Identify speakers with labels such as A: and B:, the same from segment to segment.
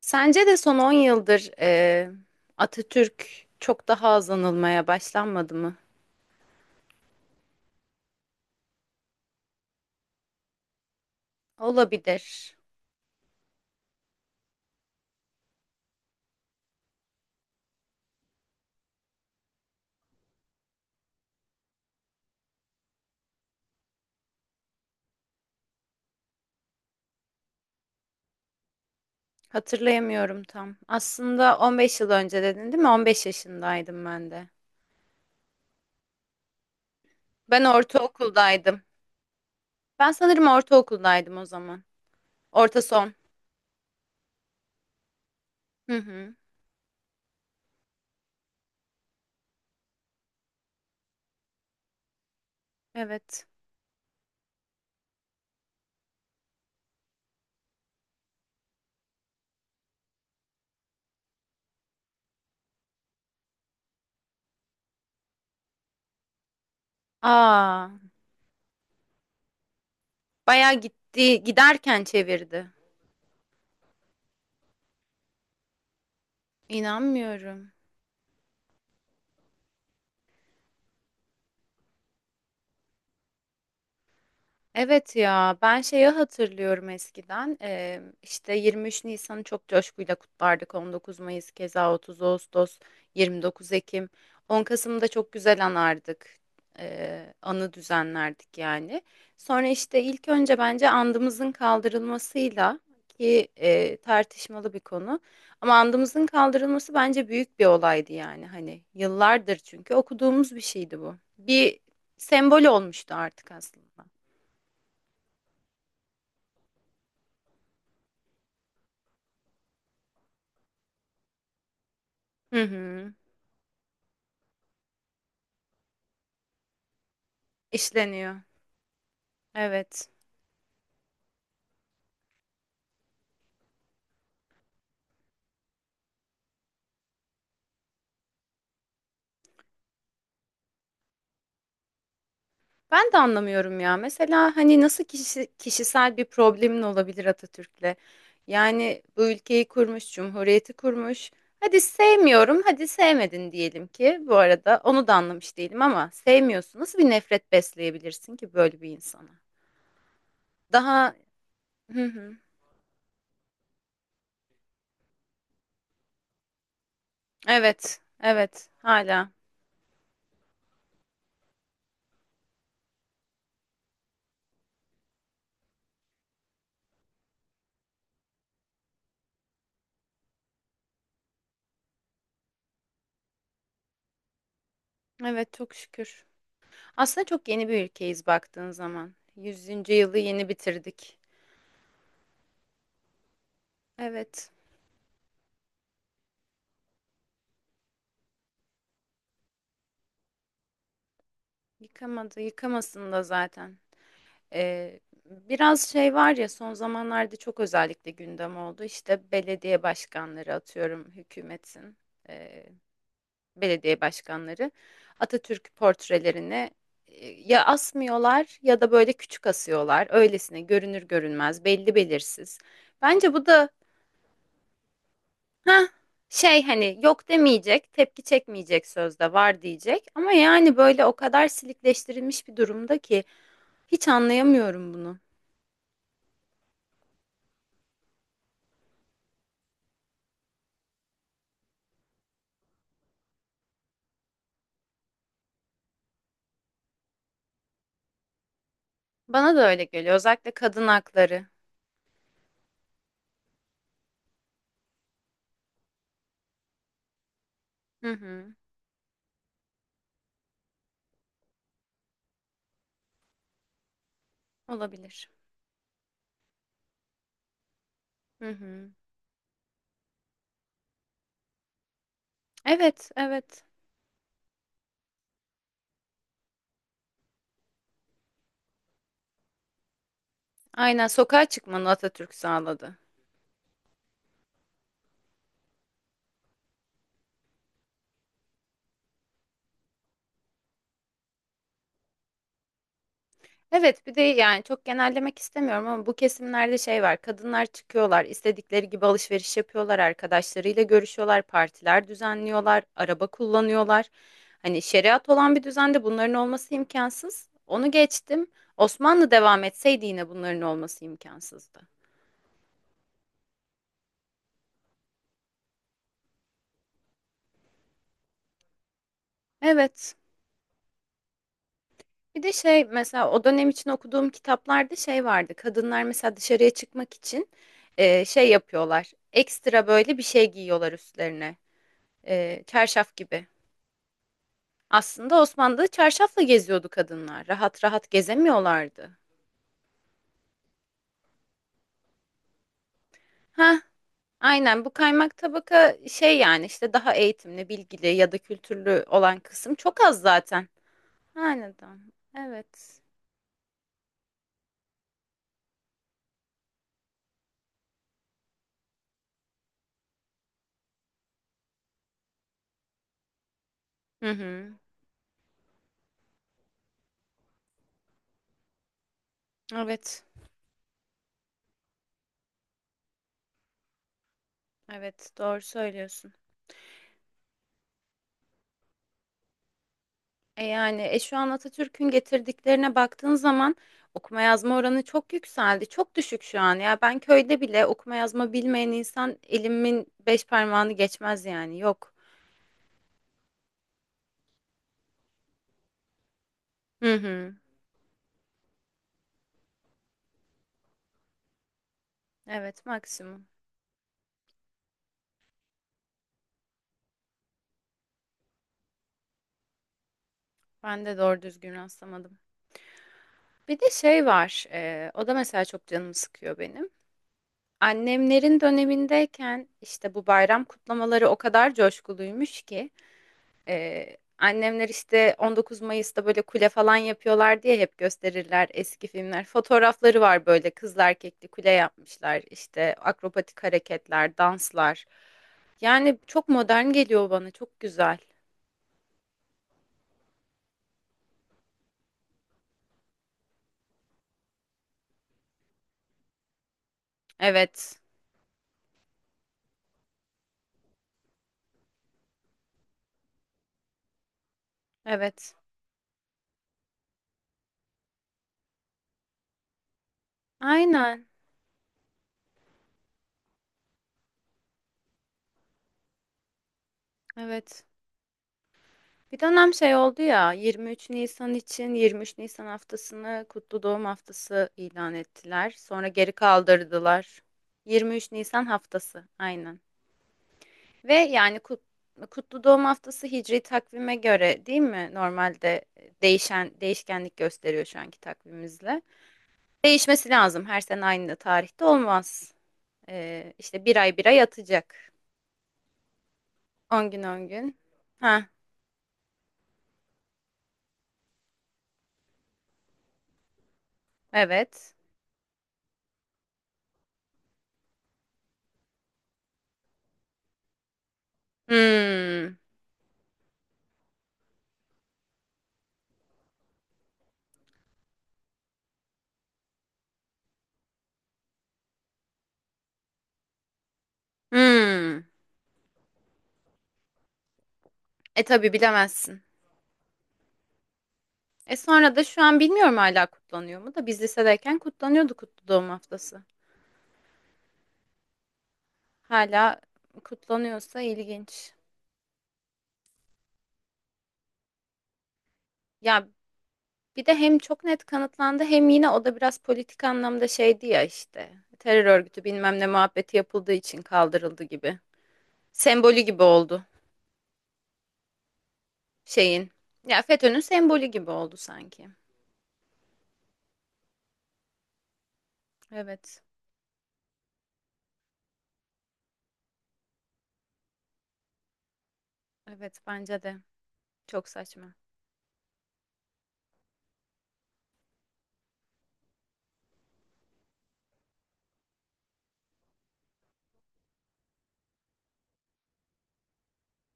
A: Sence de son 10 yıldır Atatürk çok daha az anılmaya başlanmadı mı? Olabilir. Hatırlayamıyorum tam. Aslında 15 yıl önce dedin değil mi? 15 yaşındaydım ben de. Ben ortaokuldaydım. Ben sanırım ortaokuldaydım o zaman. Orta son. Hı hı. Evet. Aa, bayağı gitti. Giderken çevirdi. İnanmıyorum. Evet ya, ben şeyi hatırlıyorum eskiden, işte 23 Nisan'ı çok coşkuyla kutlardık, 19 Mayıs keza, 30 Ağustos, 29 Ekim, 10 Kasım'da çok güzel anardık. Anı düzenlerdik yani, sonra işte ilk önce bence andımızın kaldırılmasıyla, ki tartışmalı bir konu, ama andımızın kaldırılması bence büyük bir olaydı yani. Hani yıllardır çünkü okuduğumuz bir şeydi bu, bir sembol olmuştu artık aslında. Hı hı. İşleniyor. Evet. Ben de anlamıyorum ya. Mesela hani nasıl kişisel bir problemin olabilir Atatürk'le? Yani bu ülkeyi kurmuş, cumhuriyeti kurmuş. Hadi sevmiyorum, hadi sevmedin diyelim ki. Bu arada onu da anlamış değilim ama sevmiyorsun. Nasıl bir nefret besleyebilirsin ki böyle bir insana? Daha. Hı hı. Evet, evet. Hala. Evet, çok şükür. Aslında çok yeni bir ülkeyiz baktığın zaman. Yüzüncü yılı yeni bitirdik. Evet. Yıkamadı, yıkamasın da zaten. Ee, biraz şey var ya, son zamanlarda çok özellikle gündem oldu. İşte belediye başkanları, atıyorum hükümetin e, belediye başkanları Atatürk portrelerini ya asmıyorlar ya da böyle küçük asıyorlar. Öylesine görünür görünmez, belli belirsiz. Bence bu da heh, şey, hani yok demeyecek, tepki çekmeyecek, sözde var diyecek. Ama yani böyle o kadar silikleştirilmiş bir durumda ki. Hiç anlayamıyorum bunu. Bana da öyle geliyor. Özellikle kadın hakları. Hı hı. Olabilir. Hı hı. Evet, evet. Aynen, sokağa çıkmanı Atatürk sağladı. Evet, bir de yani çok genellemek istemiyorum ama bu kesimlerde şey var. Kadınlar çıkıyorlar, istedikleri gibi alışveriş yapıyorlar, arkadaşlarıyla görüşüyorlar, partiler düzenliyorlar, araba kullanıyorlar. Hani şeriat olan bir düzende bunların olması imkansız. Onu geçtim. Osmanlı devam etseydi yine bunların olması imkansızdı. Evet. Bir de şey, mesela o dönem için okuduğum kitaplarda şey vardı. Kadınlar mesela dışarıya çıkmak için şey yapıyorlar. Ekstra böyle bir şey giyiyorlar üstlerine. Çarşaf gibi. Aslında Osmanlı'da çarşafla geziyordu kadınlar. Rahat rahat gezemiyorlardı. Ha, aynen, bu kaymak tabaka şey yani, işte daha eğitimli, bilgili ya da kültürlü olan kısım çok az zaten. Hanedan. Evet. Hı hı. Evet. Evet, doğru söylüyorsun. Yani şu an Atatürk'ün getirdiklerine baktığın zaman okuma yazma oranı çok yükseldi. Çok düşük şu an. Ya ben köyde bile okuma yazma bilmeyen insan, elimin beş parmağını geçmez yani. Yok. Hı hı. Evet, maksimum. Ben de doğru düzgün rastlamadım. Bir de şey var. O da mesela çok canımı sıkıyor benim. Annemlerin dönemindeyken işte bu bayram kutlamaları o kadar coşkuluymuş ki, annemler işte 19 Mayıs'ta böyle kule falan yapıyorlar diye hep gösterirler eski filmler. Fotoğrafları var böyle, kızlı erkekli kule yapmışlar. İşte akrobatik hareketler, danslar. Yani çok modern geliyor bana. Çok güzel. Evet. Evet. Aynen. Evet. Bir dönem şey oldu ya, 23 Nisan için 23 Nisan haftasını kutlu doğum haftası ilan ettiler. Sonra geri kaldırdılar. 23 Nisan haftası. Aynen. Ve yani Kutlu Doğum Haftası Hicri takvime göre değil mi? Normalde e, değişen değişkenlik gösteriyor şu anki takvimimizle. Değişmesi lazım. Her sene aynı tarihte olmaz. İşte bir ay bir ay atacak. On gün 10 gün. Ha, evet. Hmm. Hmm. E tabii, bilemezsin. E sonra da şu an bilmiyorum hala kutlanıyor mu, da biz lisedeyken kutlanıyordu Kutlu Doğum Haftası. Hala kutlanıyorsa ilginç. Ya, bir de hem çok net kanıtlandı, hem yine o da biraz politik anlamda şeydi ya işte. Terör örgütü bilmem ne muhabbeti yapıldığı için kaldırıldı gibi. Sembolü gibi oldu şeyin. Ya, FETÖ'nün sembolü gibi oldu sanki. Evet. Evet bence de. Çok saçma.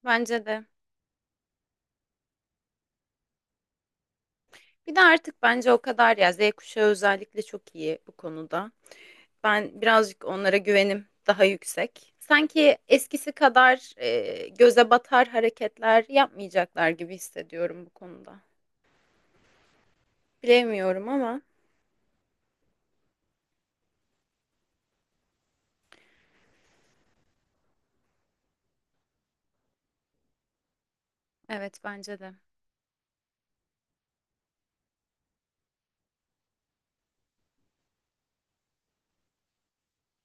A: Bence de. Bir de artık bence o kadar, ya Z kuşağı özellikle çok iyi bu konuda. Ben birazcık onlara güvenim daha yüksek. Sanki eskisi kadar göze batar hareketler yapmayacaklar gibi hissediyorum bu konuda. Bilemiyorum ama evet, bence de.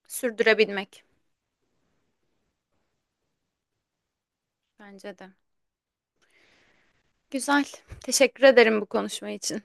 A: Sürdürebilmek bence de. Güzel. Teşekkür ederim bu konuşma için.